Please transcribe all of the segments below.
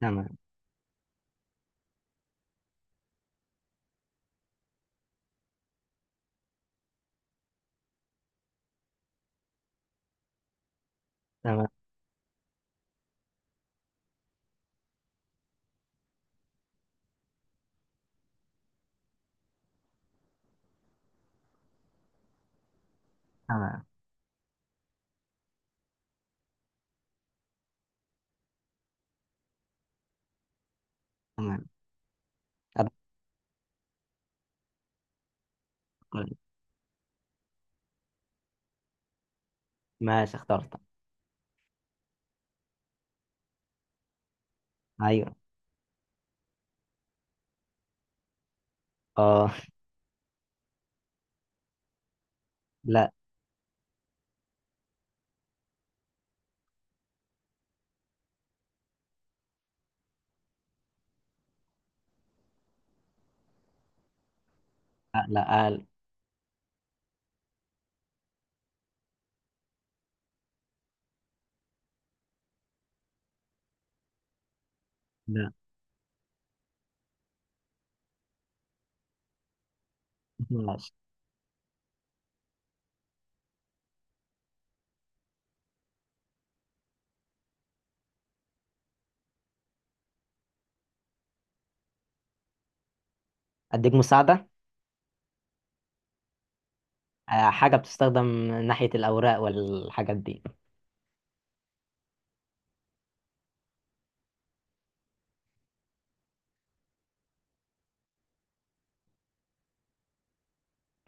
تمام. تمام. تمام. تمام. أبقى. ماشي، اخترت. أيوه. آه. لا لا لا، آه، لا. ماشي. أديك مساعدة؟ آه، حاجة بتستخدم ناحية الأوراق والحاجات دي.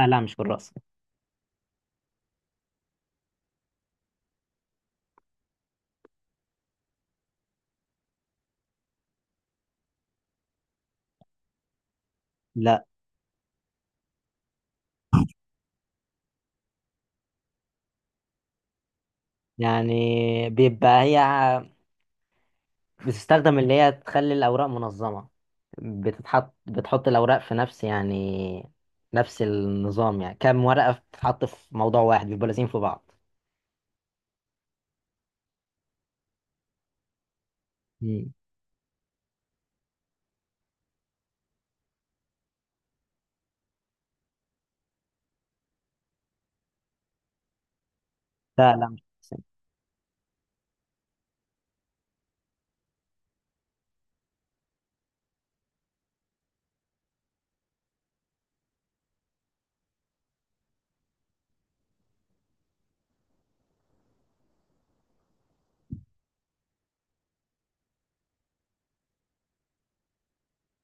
آه لا، مش كراسة. لا. يعني بيبقى هي بتستخدم اللي هي تخلي الأوراق منظمة. بتحط الأوراق في نفس، يعني نفس النظام، يعني كام ورقة بتتحط في موضوع واحد بيبقوا لازقين في بعض. مم. لا لا، مش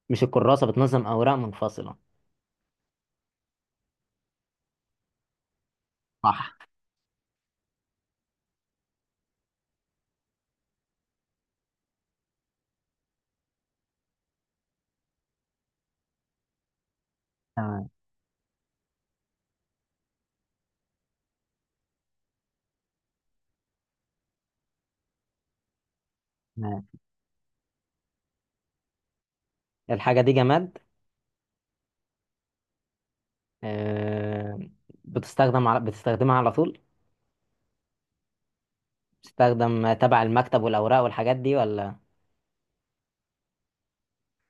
مش الكراسة بتنظم أوراق منفصلة. صح. تمام. تمام. الحاجة دي جماد. آه، بتستخدمها على طول. بتستخدم تبع المكتب والأوراق والحاجات دي؟ ولا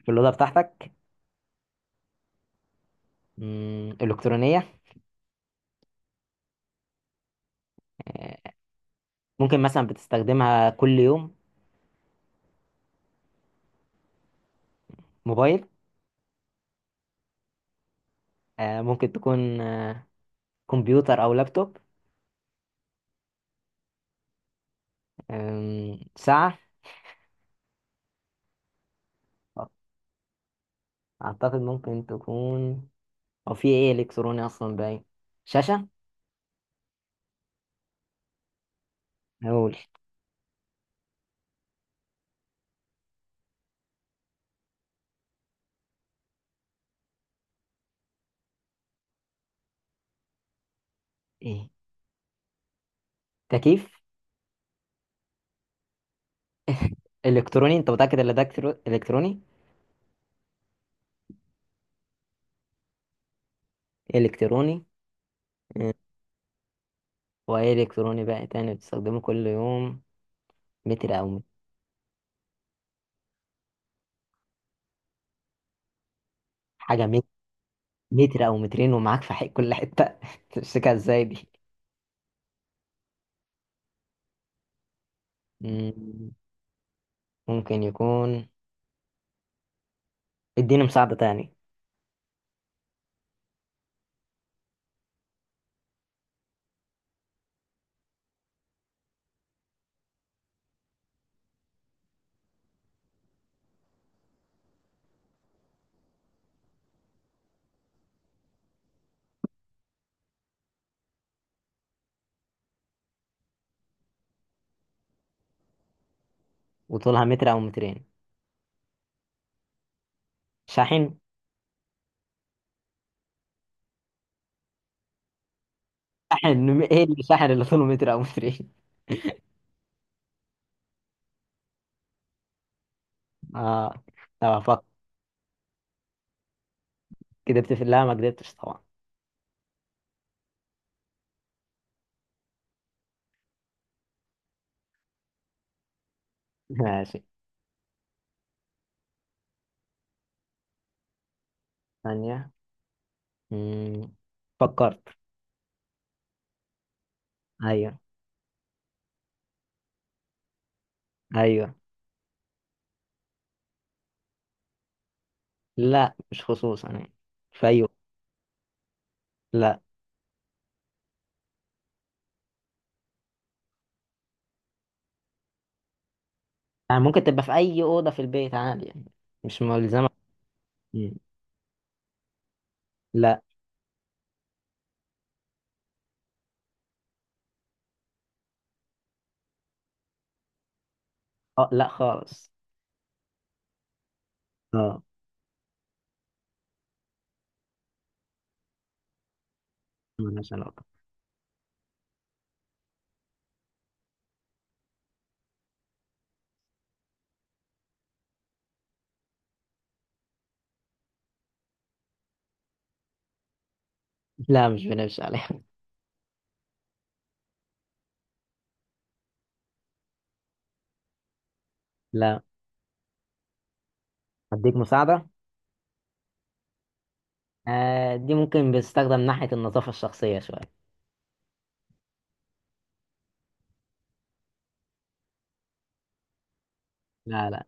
في الأوضة بتاعتك؟ إلكترونية؟ آه، ممكن مثلا بتستخدمها كل يوم؟ موبايل؟ ممكن تكون كمبيوتر أو لابتوب؟ ساعة؟ أعتقد ممكن تكون، أو في إيه إلكتروني أصلا باين؟ شاشة؟ أقول إيه؟ تكييف؟ إلكتروني؟ أنت متأكد إن ده إلكتروني؟ إلكتروني. مم. واي الكتروني بقى، تاني بتستخدمه كل يوم، متر او مت- حاجه مت- متر او مترين، ومعاك في حق كل حته تمسكها ازاي دي؟ مم، ممكن يكون. اديني مساعده تاني. وطولها متر او مترين؟ شاحن؟ شاحن ايه اللي شاحن اللي طوله متر او مترين؟ اه. طب افكر. كدبت؟ في لا، ما كدبتش طبعا. ماشي. ثانيه. مم، فكرت. ايوه. ايوه. لا، مش خصوصا يعني، في اي وقت. لا. يعني ممكن تبقى في اي اوضه في البيت عادي، يعني مش ملزمه. مم. لا. أه لا خالص. اه. ملهاش علاقه. لا، مش بنمشي عليها لا. اديك مساعده. آه، دي ممكن بتستخدم ناحيه النظافه الشخصيه شويه. لا لا.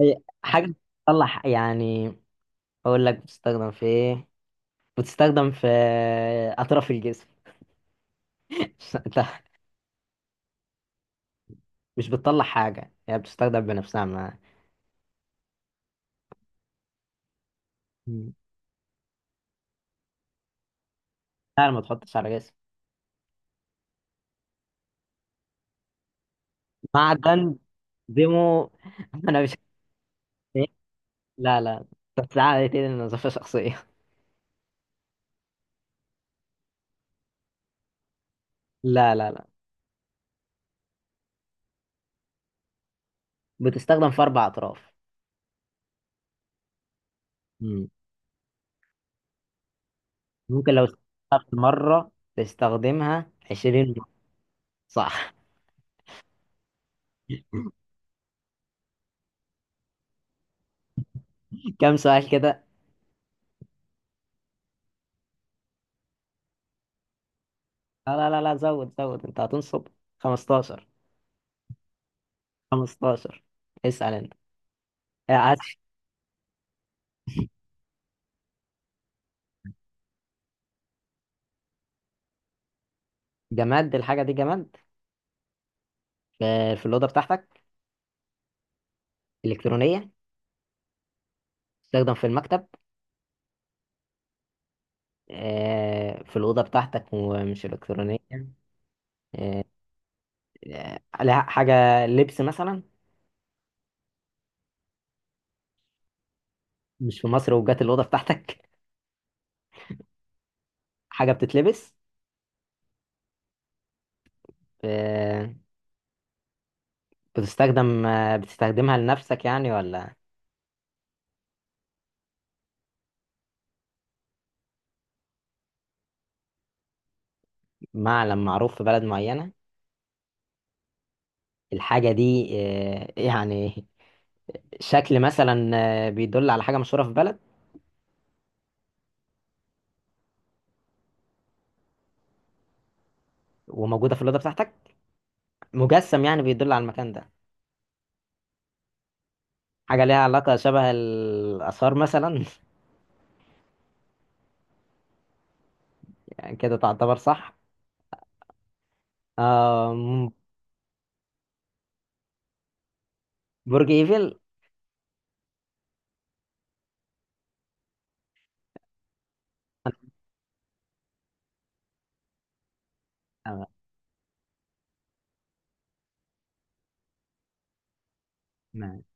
هي حاجه بتطلع، يعني اقول لك بتستخدم في ايه، بتستخدم في اطراف الجسم انت مش بتطلع حاجه، هي بتستخدم بنفسها ما. مم. لا، ما تحطش على جسم. معدن. ديمو. انا مش. لا لا. بتتعامل على ايدين نظافة شخصية. لا لا لا. بتستخدم في أربع أطراف. مم. ممكن لو استخدمت مرة تستخدمها 20 مرة. صح. كم سؤال كده؟ لا لا لا لا، زود زود، أنت هتنصب. 15. 15. اسأل أنت. عايز. جماد؟ الحاجة دي جماد. في الأوضة بتاعتك؟ إلكترونية؟ تستخدم في المكتب؟ في الأوضة بتاعتك ومش إلكترونية. آه، لها حاجة لبس مثلا؟ مش في مصر وجات الأوضة بتاعتك؟ حاجة بتتلبس؟ آه، بتستخدمها لنفسك يعني، ولا؟ معلم معروف في بلد معينة. الحاجة دي، يعني شكل مثلا، بيدل على حاجة مشهورة في بلد، وموجودة في الأوضة بتاعتك. مجسم يعني بيدل على المكان ده؟ حاجة ليها علاقة شبه الآثار مثلا؟ يعني كده تعتبر صح. آم، برج إيفل. آه، ما-